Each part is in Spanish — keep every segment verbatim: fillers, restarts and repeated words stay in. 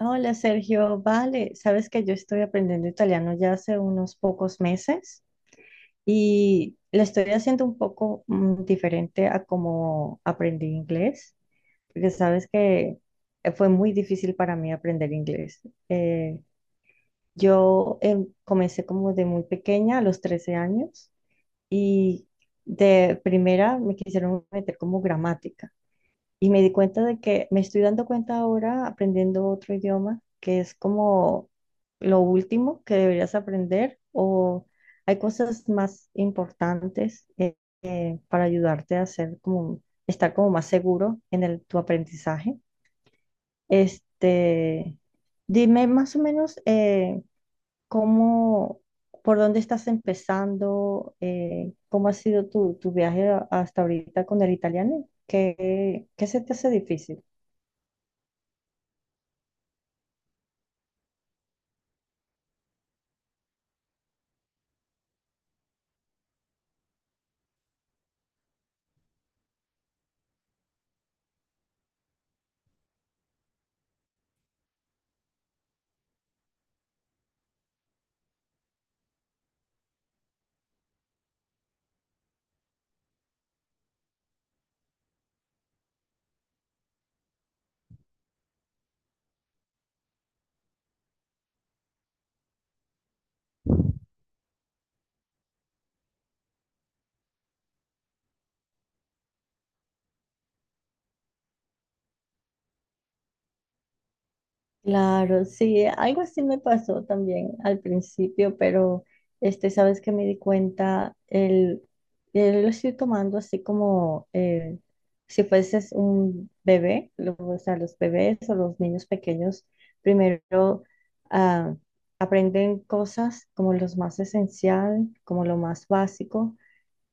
Hola Sergio, vale, sabes que yo estoy aprendiendo italiano ya hace unos pocos meses y lo estoy haciendo un poco mm, diferente a como aprendí inglés, porque sabes que eh, fue muy difícil para mí aprender inglés. Eh, yo em, comencé como de muy pequeña, a los trece años, y de primera me quisieron meter como gramática. Y me di cuenta de que Me estoy dando cuenta ahora aprendiendo otro idioma, que es como lo último que deberías aprender, o hay cosas más importantes eh, eh, para ayudarte a hacer como, estar como más seguro en el, tu aprendizaje. Este, dime más o menos, eh, cómo, por dónde estás empezando, eh, cómo ha sido tu, tu viaje a- hasta ahorita con el italiano. ¿Qué, qué se te hace difícil? Claro, sí, algo así me pasó también al principio, pero este, sabes que me di cuenta, el, eh, lo estoy tomando así como, eh, si fueses un bebé, lo- o sea, los bebés o los niños pequeños primero ah, aprenden cosas como lo más esencial, como lo más básico,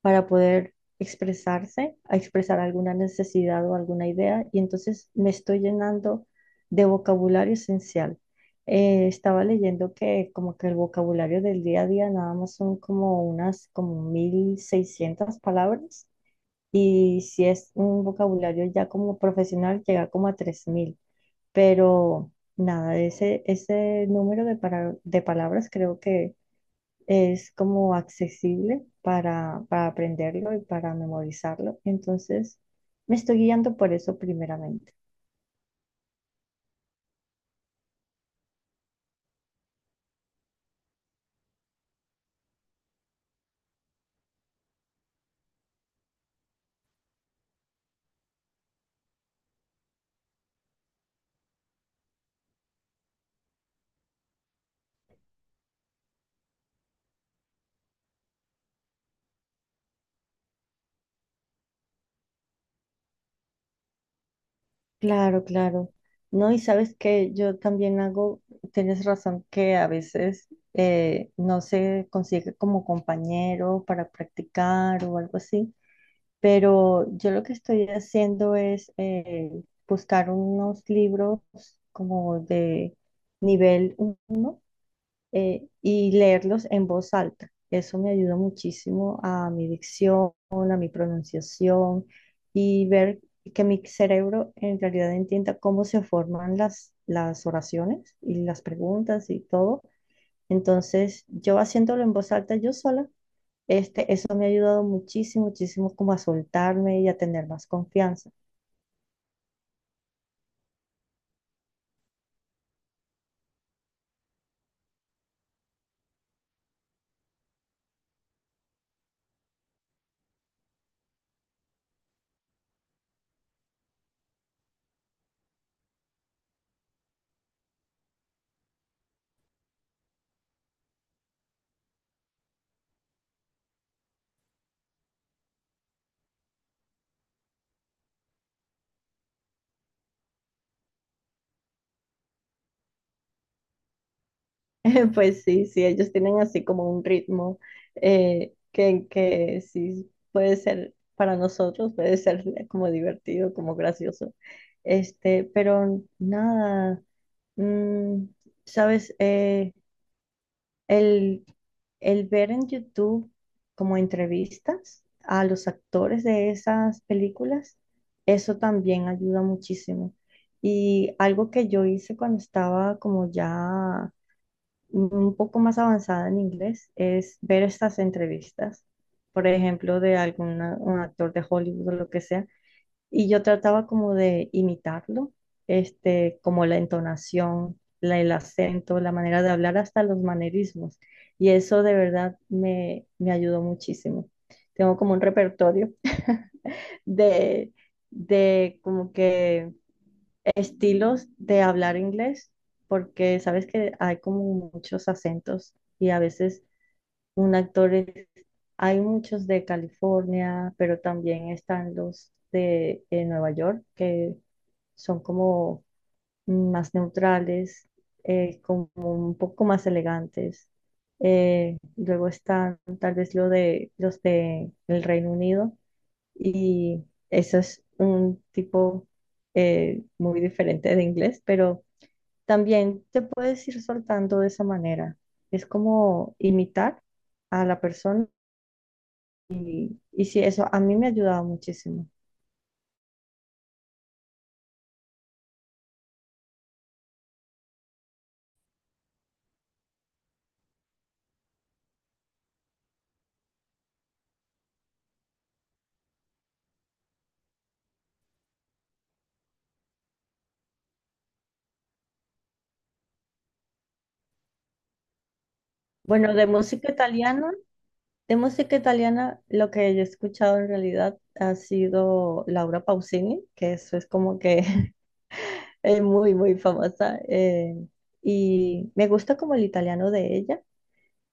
para poder expresarse, a expresar alguna necesidad o alguna idea, y entonces me estoy llenando de vocabulario esencial. Eh, estaba leyendo que como que el vocabulario del día a día nada más son como unas como mil seiscientas palabras, y si es un vocabulario ya como profesional llega como a tres mil, pero nada, ese, ese número de, para- de palabras creo que es como accesible para, para aprenderlo y para memorizarlo. Entonces, me estoy guiando por eso primeramente. Claro, claro. No, y sabes que yo también hago, tienes razón que a veces eh, no se consigue como compañero para practicar o algo así, pero yo lo que estoy haciendo es eh, buscar unos libros como de nivel uno, eh, y leerlos en voz alta. Eso me ayuda muchísimo a mi dicción, a mi pronunciación, y ver que mi cerebro en realidad entienda cómo se forman las, las oraciones y las preguntas y todo. Entonces, yo haciéndolo en voz alta yo sola, este, eso me ha ayudado muchísimo, muchísimo, como a soltarme y a tener más confianza. Pues sí, sí, ellos tienen así como un ritmo eh, que, que sí puede ser para nosotros, puede ser como divertido, como gracioso. Este, pero nada, mm, sabes. Eh, el, el ver en YouTube como entrevistas a los actores de esas películas, eso también ayuda muchísimo. Y algo que yo hice cuando estaba como ya un poco más avanzada en inglés es ver estas entrevistas, por ejemplo, de algún un actor de Hollywood o lo que sea, y yo trataba como de imitarlo, este, como la entonación, la, el acento, la manera de hablar, hasta los manerismos, y eso de verdad me, me ayudó muchísimo. Tengo como un repertorio de, de como que estilos de hablar inglés, porque sabes que hay como muchos acentos, y a veces un actor es- hay muchos de California, pero también están los de, eh, Nueva York, que son como más neutrales, eh, como un poco más elegantes. Eh, luego están tal vez lo de, los de el Reino Unido, y eso es un tipo eh, muy diferente de inglés, pero también te puedes ir soltando de esa manera. Es como imitar a la persona. Y sí, eso a mí me ha ayudado muchísimo. Bueno, de música italiana, de música italiana, lo que yo he escuchado en realidad ha sido Laura Pausini, que eso es como que es muy, muy famosa. Eh, y me gusta como el italiano de ella.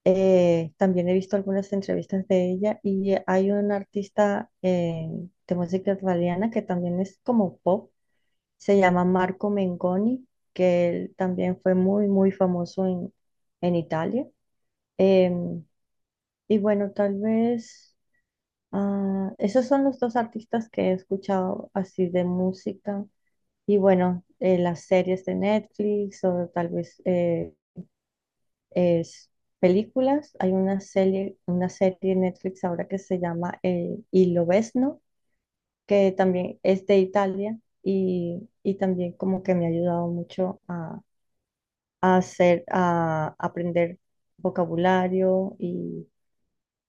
Eh, también he visto algunas entrevistas de ella, y hay un artista eh, de música italiana que también es como pop, se llama Marco Mengoni, que él también fue muy, muy famoso en, en Italia. Em, y bueno, tal vez ah, esos son los dos artistas que he escuchado así de música. Y bueno, eh, las series de Netflix, o tal vez eh, es películas. Hay una serie, una serie en Netflix ahora que se llama eh, Il Lobesno, que también es de Italia, y, y también como que me ha ayudado mucho a, a hacer, a aprender vocabulario, y,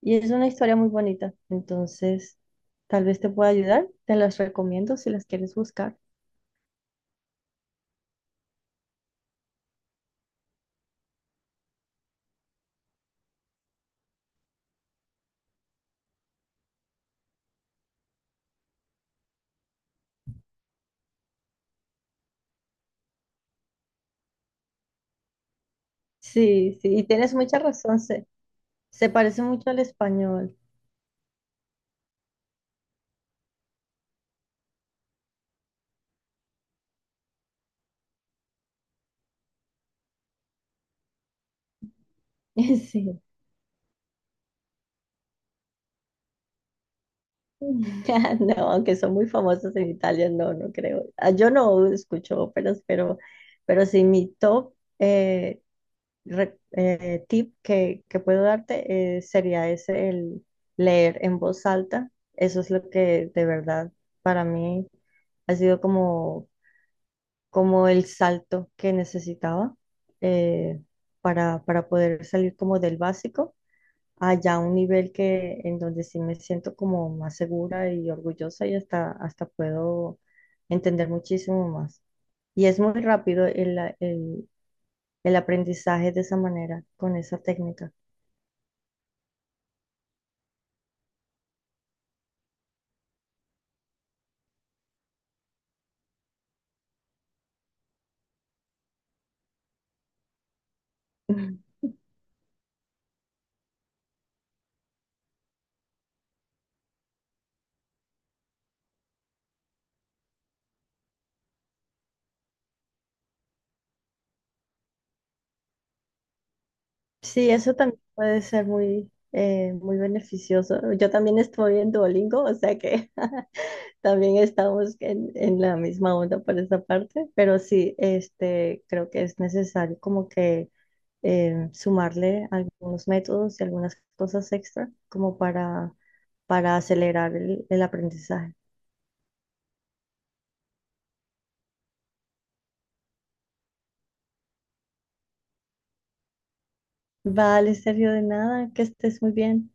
y es una historia muy bonita. Entonces, tal vez te pueda ayudar. Te las recomiendo si las quieres buscar. Sí, sí, y tienes mucha razón. Se, se parece mucho al español. Sí. No, aunque son muy famosos en Italia, no, no creo. Ah, yo no escucho óperas, pero, pero sí mi top eh, re- eh, tip que, que puedo darte eh, sería ese, el leer en voz alta. Eso es lo que de verdad para mí ha sido como, como el salto que necesitaba, eh, para, para poder salir como del básico allá a un nivel que en donde sí me siento como más segura y orgullosa, y hasta, hasta puedo entender muchísimo más. Y es muy rápido el, a- el, el aprendizaje de esa manera, con esa técnica. Sí, eso también puede ser muy, eh, muy beneficioso. Yo también estoy en Duolingo, o sea que también estamos en, en la misma onda por esta parte, pero sí, este, creo que es necesario como que eh, sumarle algunos métodos y algunas cosas extra, como para, para acelerar el, el aprendizaje. Vale, Sergio, de nada, que estés muy bien.